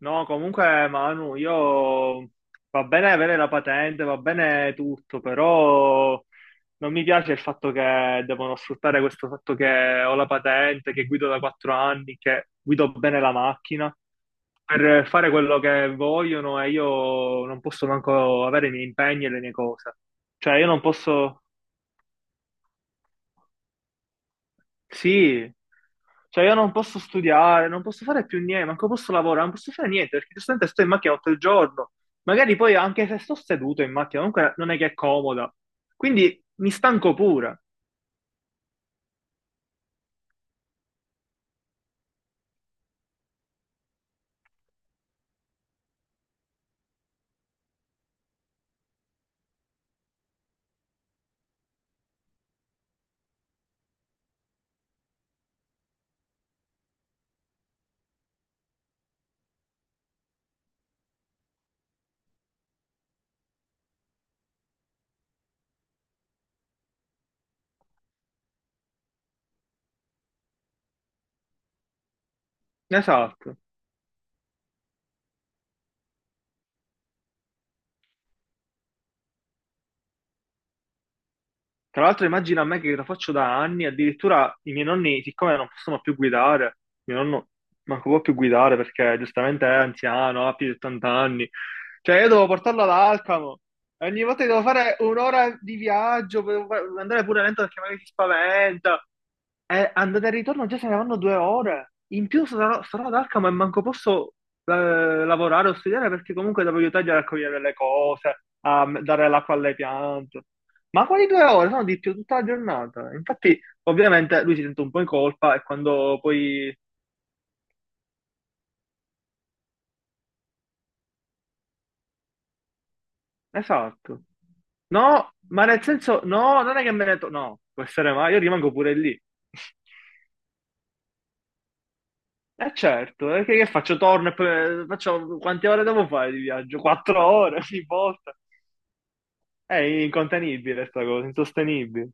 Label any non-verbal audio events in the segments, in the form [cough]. No, comunque Manu, io va bene avere la patente, va bene tutto, però non mi piace il fatto che devono sfruttare questo fatto che ho la patente, che guido da quattro anni, che guido bene la macchina per fare quello che vogliono e io non posso manco avere i miei impegni e le mie cose. Cioè, io non posso. Sì, cioè io non posso studiare, non posso fare più niente, manco posso lavorare, non posso fare niente perché giustamente sto in macchina tutto il giorno. Magari poi anche se sto seduto in macchina, comunque non è che è comoda. Quindi mi stanco pure. Esatto. Tra l'altro immagina a me che lo faccio da anni, addirittura i miei nonni, siccome non possono più guidare, mio nonno manco può più guidare perché giustamente è anziano, ha più di 80 anni, cioè io devo portarlo ad Alcamo, e ogni volta che devo fare un'ora di viaggio, andare pure lento perché magari si spaventa, andata e ritorno già saranno due ore. In più sarò ad Alcamo e manco posso eh, lavorare o studiare perché comunque devo aiutargli a raccogliere le cose, dare l'acqua alle piante. Ma quali due ore? Sono di più tutta la giornata. Infatti, ovviamente, lui si sente un po' in colpa e quando poi... Esatto. No, ma nel senso, no, non è che me ne... No, può essere mai, io rimango pure lì. Eh certo, che faccio? Torno e poi faccio quante ore devo fare di viaggio? Quattro ore [laughs] ogni volta. È incontenibile sta cosa, insostenibile.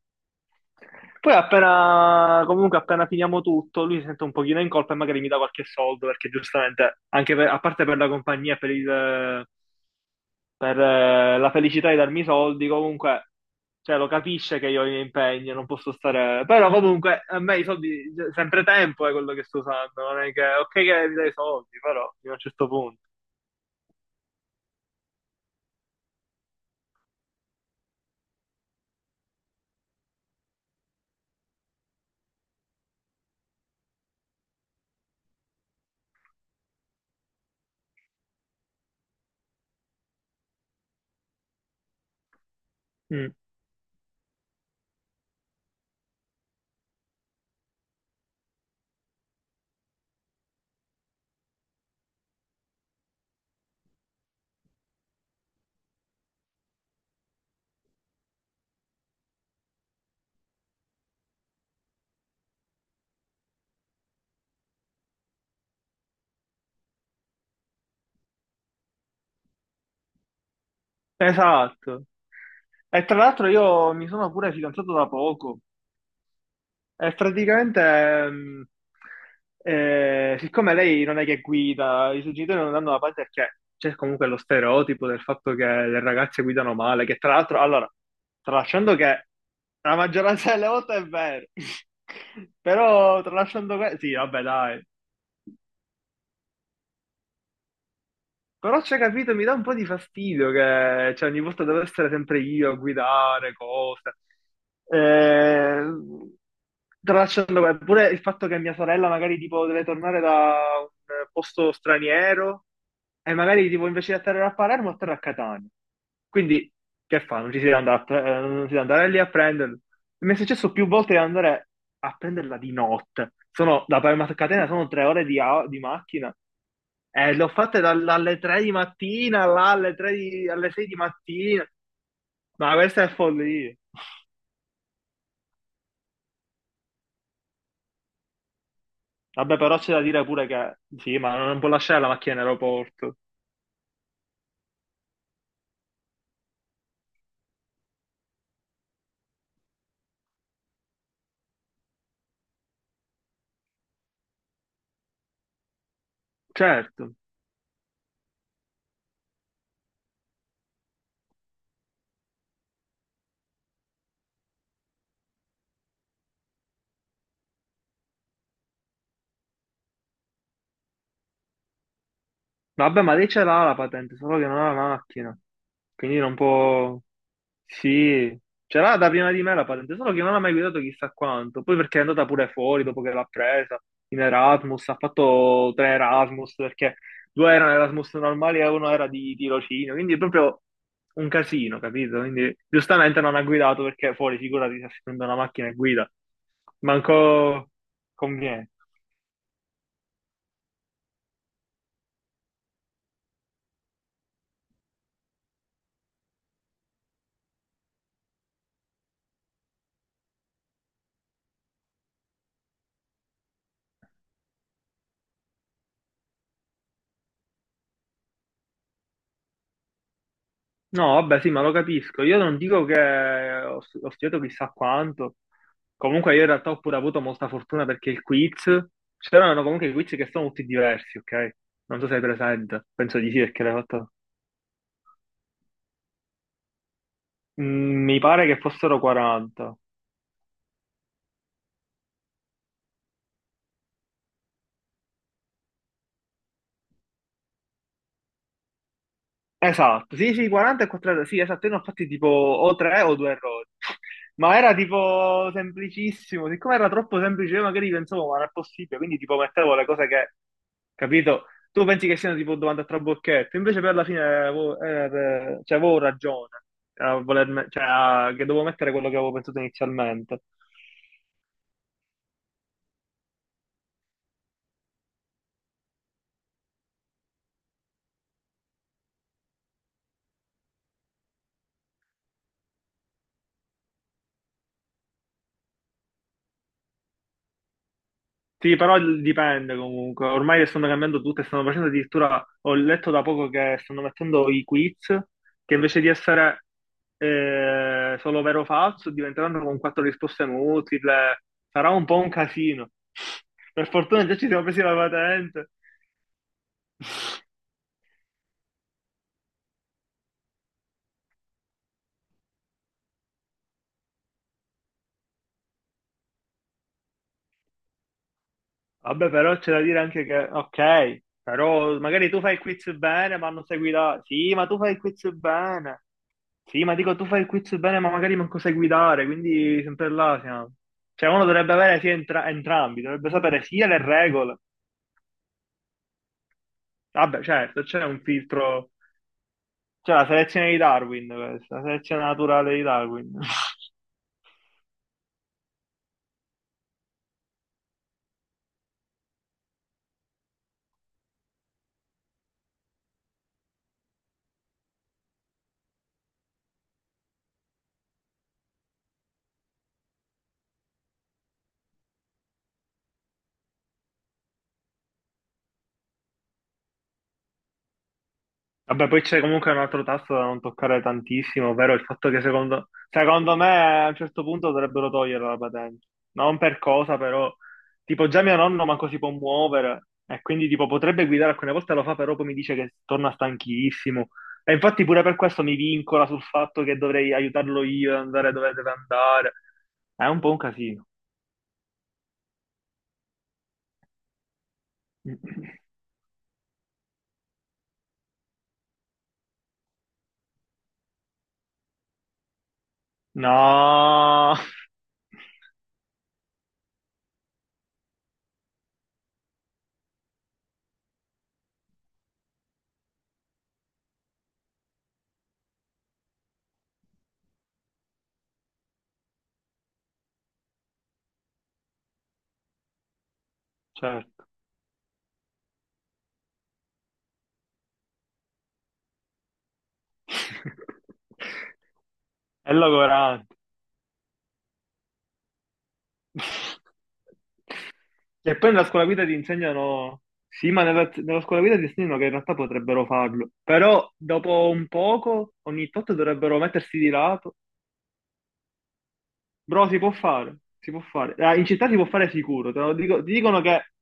Poi appena, comunque appena finiamo tutto, lui si sente un pochino in colpa e magari mi dà qualche soldo, perché giustamente, anche a parte per la compagnia, e per, la felicità di darmi i soldi, comunque, cioè, lo capisce che io ho i miei impegni, non posso stare... Però comunque, a me i soldi, cioè, sempre tempo è quello che sto usando, non è che, ok che mi dai i soldi, però, fino a un certo punto. Mm. Esatto. E tra l'altro io mi sono pure fidanzato da poco. E praticamente, siccome lei non è che guida, i suoi genitori non danno la parte perché c'è comunque lo stereotipo del fatto che le ragazze guidano male, che tra l'altro, allora, tralasciando che la maggioranza delle volte è vero, [laughs] però tralasciando sì, vabbè, dai. Però c'è capito, mi dà un po' di fastidio che cioè, ogni volta devo essere sempre io a guidare cose. Eh, tracciando web. Pure il fatto che mia sorella magari tipo deve tornare da un posto straniero e magari tipo invece di atterrare a Palermo atterra a Catania. Quindi che fa? Non ci si deve andare, non si deve andare lì a prenderlo. Mi è successo più volte di andare a prenderla di notte. Da Palermo a Catania sono tre ore di macchina. L'ho fatta dalle 3 di mattina, là alle 6 di mattina. Ma questa è follia. Vabbè, però c'è da dire pure che sì, ma non può lasciare la macchina in aeroporto. Certo. Vabbè, ma lei ce l'ha la patente, solo che non ha la macchina. Quindi non può. Sì, ce l'ha da prima di me la patente, solo che non ha mai guidato chissà quanto. Poi perché è andata pure fuori dopo che l'ha presa in Erasmus, ha fatto tre Erasmus perché due erano Erasmus normali e uno era di tirocinio, quindi è proprio un casino, capito? Quindi giustamente non ha guidato perché fuori, figurati, si è una macchina e guida, manco conviene. No, vabbè, sì, ma lo capisco. Io non dico che ho studiato chissà quanto. Comunque, io in realtà ho pure avuto molta fortuna perché il quiz. C'erano comunque i quiz che sono tutti diversi, ok? Non so se hai presente. Penso di sì, perché l'hai fatto. Mm, mi pare che fossero 40. Esatto, sì, sì, 40 e 4 errori, sì, esatto, io ne ho fatti tipo o 3 o 2 errori, ma era tipo semplicissimo, siccome era troppo semplice io magari pensavo ma non è possibile, quindi tipo mettevo le cose che, capito, tu pensi che siano tipo domande a trabocchetto, invece per la fine avevo, avevo ragione, a che dovevo mettere quello che avevo pensato inizialmente. Sì, però dipende comunque. Ormai le stanno cambiando tutte, stanno facendo addirittura, ho letto da poco che stanno mettendo i quiz, che invece di essere solo vero o falso, diventeranno con quattro risposte multiple. Sarà un po' un casino. Per fortuna già ci siamo presi la patente. Vabbè, però c'è da dire anche che, ok, però magari tu fai il quiz bene, ma non segui la... Sì, ma tu fai il quiz bene. Sì, ma dico, tu fai il quiz bene, ma magari manco sai guidare, quindi sempre là siamo. Cioè, uno dovrebbe avere entrambi, dovrebbe sapere sia le regole. Vabbè, certo, c'è un filtro, c'è la selezione di Darwin, questa, la selezione naturale di Darwin. [laughs] Vabbè, poi c'è comunque un altro tasto da non toccare tantissimo, ovvero il fatto che secondo me a un certo punto dovrebbero togliere la patente. Non per cosa, però, tipo già mio nonno manco si può muovere e quindi tipo potrebbe guidare, alcune volte lo fa, però poi mi dice che torna stanchissimo. E infatti pure per questo mi vincola sul fatto che dovrei aiutarlo io ad andare dove deve andare. È un po' un casino. [clears throat] No, certo. [laughs] È logorante. [laughs] E poi nella scuola guida ti insegnano, sì, ma nella scuola guida ti insegnano che in realtà potrebbero farlo, però dopo un poco, ogni tot dovrebbero mettersi di lato, bro, si può fare, si può fare. Ah, in città si può fare sicuro, te lo dico, ti dicono che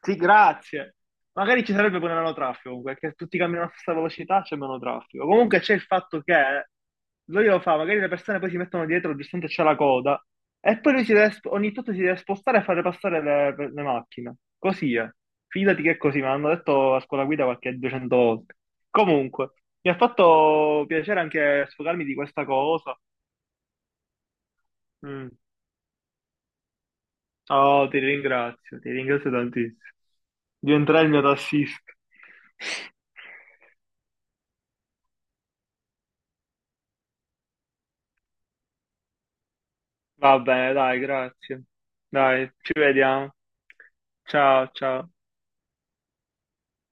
sì, grazie. Magari ci sarebbe pure meno traffico, comunque, che tutti camminano alla stessa velocità, c'è meno traffico. Comunque c'è il fatto che lui lo fa, magari le persone poi si mettono dietro, giustamente c'è la coda, e poi lui ogni tanto si deve spostare e fare passare le macchine. Così è. Fidati che è così, me l'hanno detto a scuola guida qualche 200 volte. Comunque, mi ha fatto piacere anche sfogarmi di questa cosa. Mm. Oh, ti ringrazio tantissimo. Diventerai il mio tassista. [laughs] Va bene, dai, grazie. Dai, ci vediamo. Ciao, ciao.